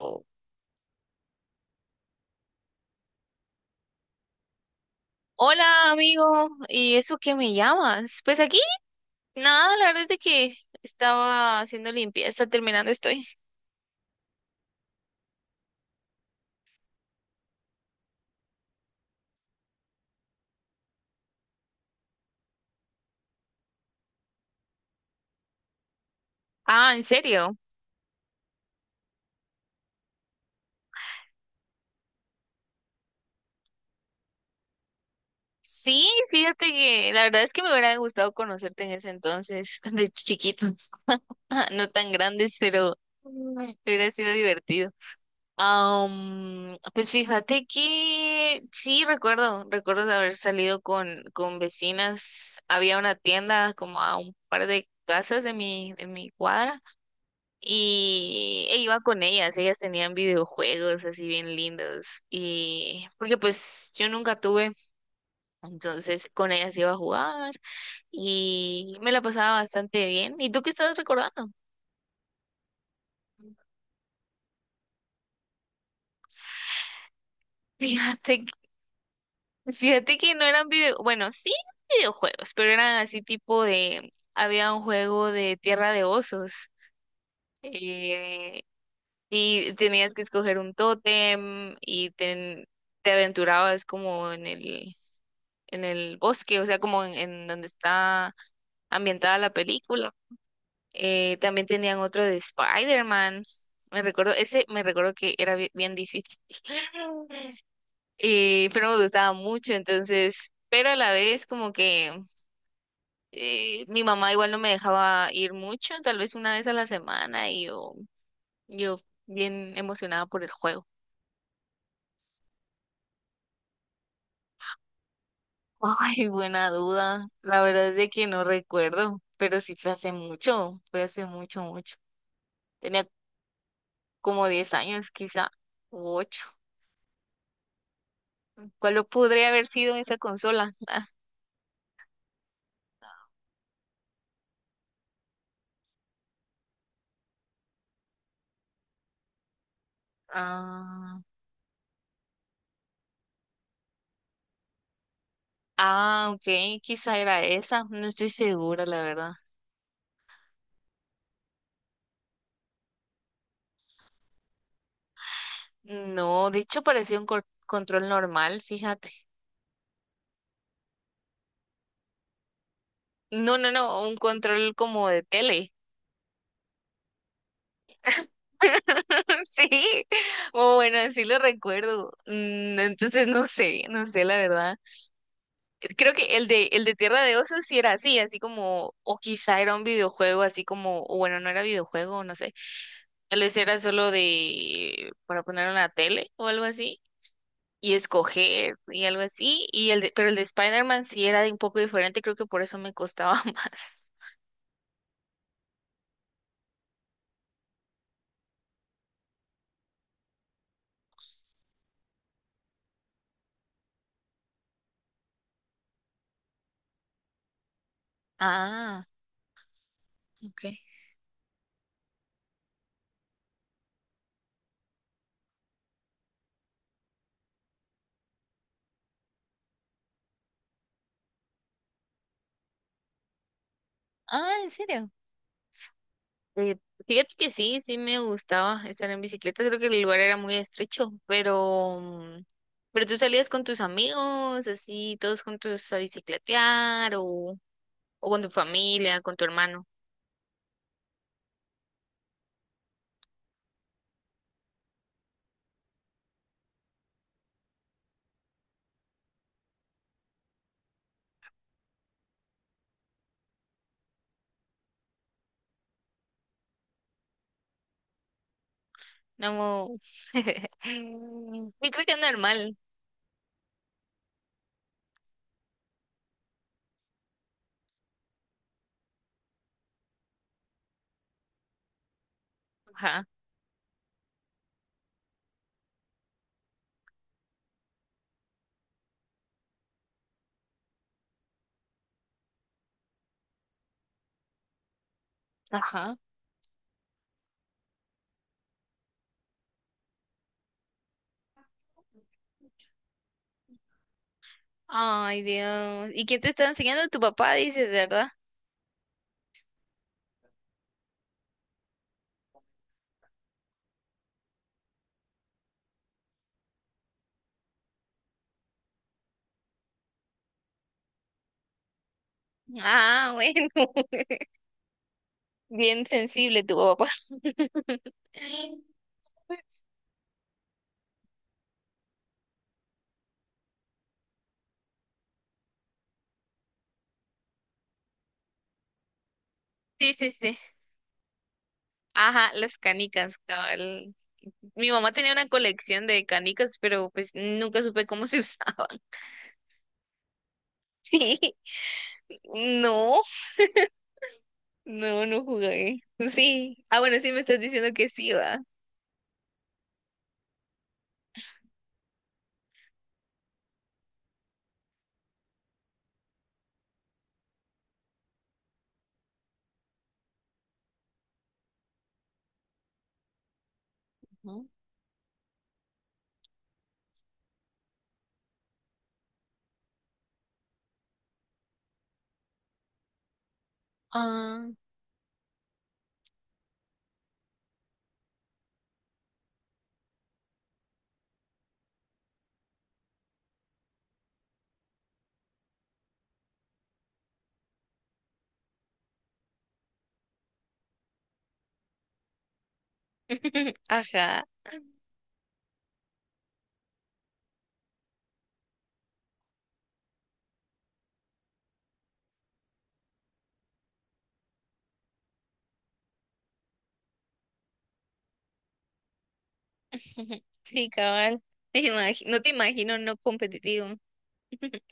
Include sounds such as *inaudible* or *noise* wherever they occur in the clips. Oh, hola amigo, ¿y eso qué me llamas? Pues aquí, nada, la verdad es de que estaba haciendo limpieza, terminando estoy. Ah, ¿en serio? Sí, fíjate que la verdad es que me hubiera gustado conocerte en ese entonces, *laughs* de chiquitos, *laughs* no tan grandes, pero hubiera sido divertido. Pues fíjate que sí, recuerdo de haber salido con vecinas, había una tienda como a un par de casas de mi cuadra. Y iba con ellas, ellas tenían videojuegos así bien lindos y porque pues yo nunca tuve, entonces con ellas iba a jugar y me la pasaba bastante bien. ¿Y tú qué estás recordando? *laughs* Fíjate, que- Fíjate que no eran video, bueno, sí videojuegos, pero eran así tipo de, había un juego de Tierra de Osos eh, y tenías que escoger un tótem y te aventurabas como en el bosque, o sea, como en donde está ambientada la película. También tenían otro de Spider-Man. Me recuerdo, ese, me recuerdo que era bien difícil. *laughs* Pero me gustaba mucho, entonces, pero a la vez como que mi mamá igual no me dejaba ir mucho, tal vez una vez a la semana y yo bien emocionada por el juego. *laughs* Ay, buena duda. La verdad es de que no recuerdo, pero sí fue hace mucho, mucho. Tenía como 10 años, quizá, u ocho. ¿Cuál lo podría haber sido esa consola? *laughs* Ah, ah, ah, ok, quizá era esa, no estoy segura, la verdad. No, de hecho parecía un control normal, fíjate. No, no, no, un control como de tele. *laughs* Sí, o bueno, así lo recuerdo. Entonces no sé, no sé la verdad. Creo que el de Tierra de Osos sí era así, así como, o quizá era un videojuego, así como, o bueno, no era videojuego, no sé. Tal vez era solo de, para poner una tele o algo así, y escoger y algo así. Y el de, pero el de Spider-Man sí era de un poco diferente, creo que por eso me costaba *laughs* más. Ah, okay. Ah, ¿en serio? Eh, Fíjate que sí, sí me gustaba estar en bicicleta, creo que el lugar era muy estrecho, pero tú salías con tus amigos, así, todos juntos a bicicletear, o con tu familia, con tu hermano. No, *laughs* yo creo que es normal. Ajá. Ajá. Ay, Dios. ¿Y quién te estaba enseñando? Tu papá, dices, ¿verdad? Ah, bueno. *laughs* Bien sensible tu papá. *laughs* Sí, sí, sí. Ajá, las canicas, cabal. Mi mamá tenía una colección de canicas, pero pues nunca supe cómo se usaban. *laughs* Sí, no, no, no jugué. Sí. Ah, bueno, sí me estás diciendo que sí, va. Ujú. Ah, *laughs* ajá. *laughs* Sí, cabal. No te imagino no competitivo. *laughs*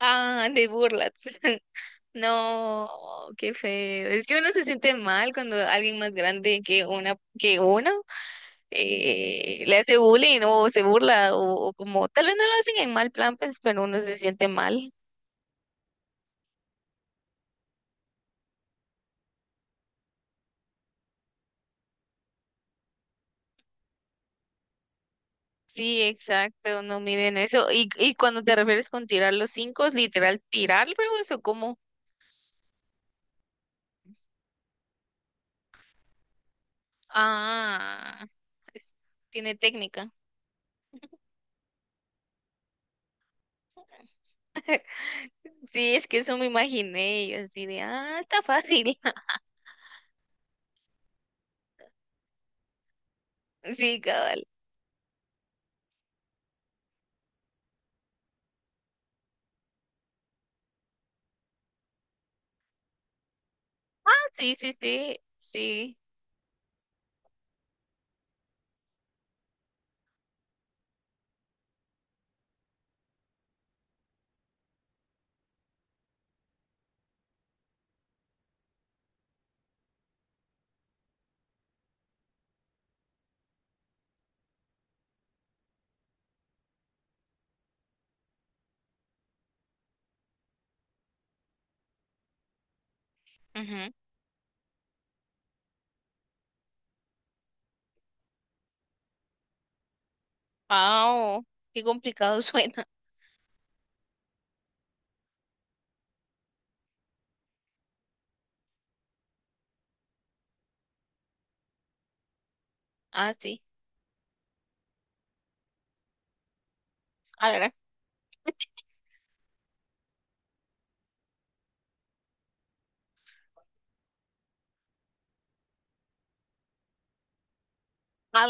Ah, de burlas. *laughs* No, qué feo. Es que uno se siente mal cuando alguien más grande que uno le hace bullying o se burla o como tal vez no lo hacen en mal plan, pues, pero uno se siente mal. Sí, exacto, no miden eso. Y cuando te refieres con tirar los cinco, ¿es literal tirarlos o cómo? ah, es- Tiene técnica. Sí, es que eso me imaginé y así de, ah, está fácil. *laughs* Sí, cabal. Ah, sí, sí, sí, sí. Ujú. Ah, oh, qué complicado *laughs* suena. Ah, sí. A ver.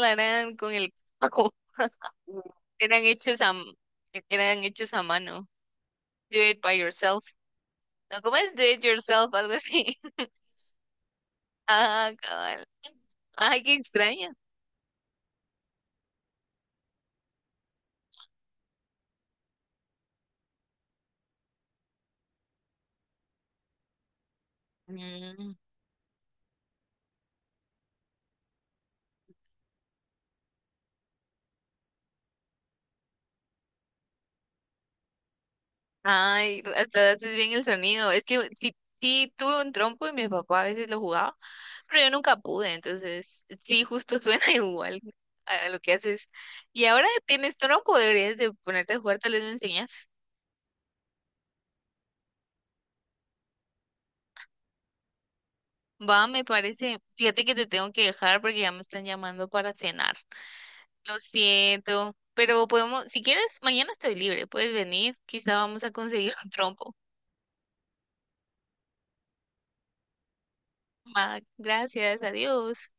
Eran con el coco. *laughs* Eran hechos a, eran hechos a mano. Do it by yourself. No, ¿cómo es? Do it yourself, algo así. *laughs* Ah, cabal. Ay, qué extraño. Mm. Ay, hasta haces bien el sonido. Es que sí, sí tuve un trompo y mi papá a veces lo jugaba, pero yo nunca pude, entonces sí, justo suena *laughs* igual a lo que haces. Y ahora tienes trompo, deberías de ponerte a jugar, tal vez me enseñas. Va, me parece. Fíjate que te tengo que dejar porque ya me están llamando para cenar. Lo siento, pero podemos, si quieres, mañana estoy libre, puedes venir, quizá vamos a conseguir un trompo. Va, gracias, adiós.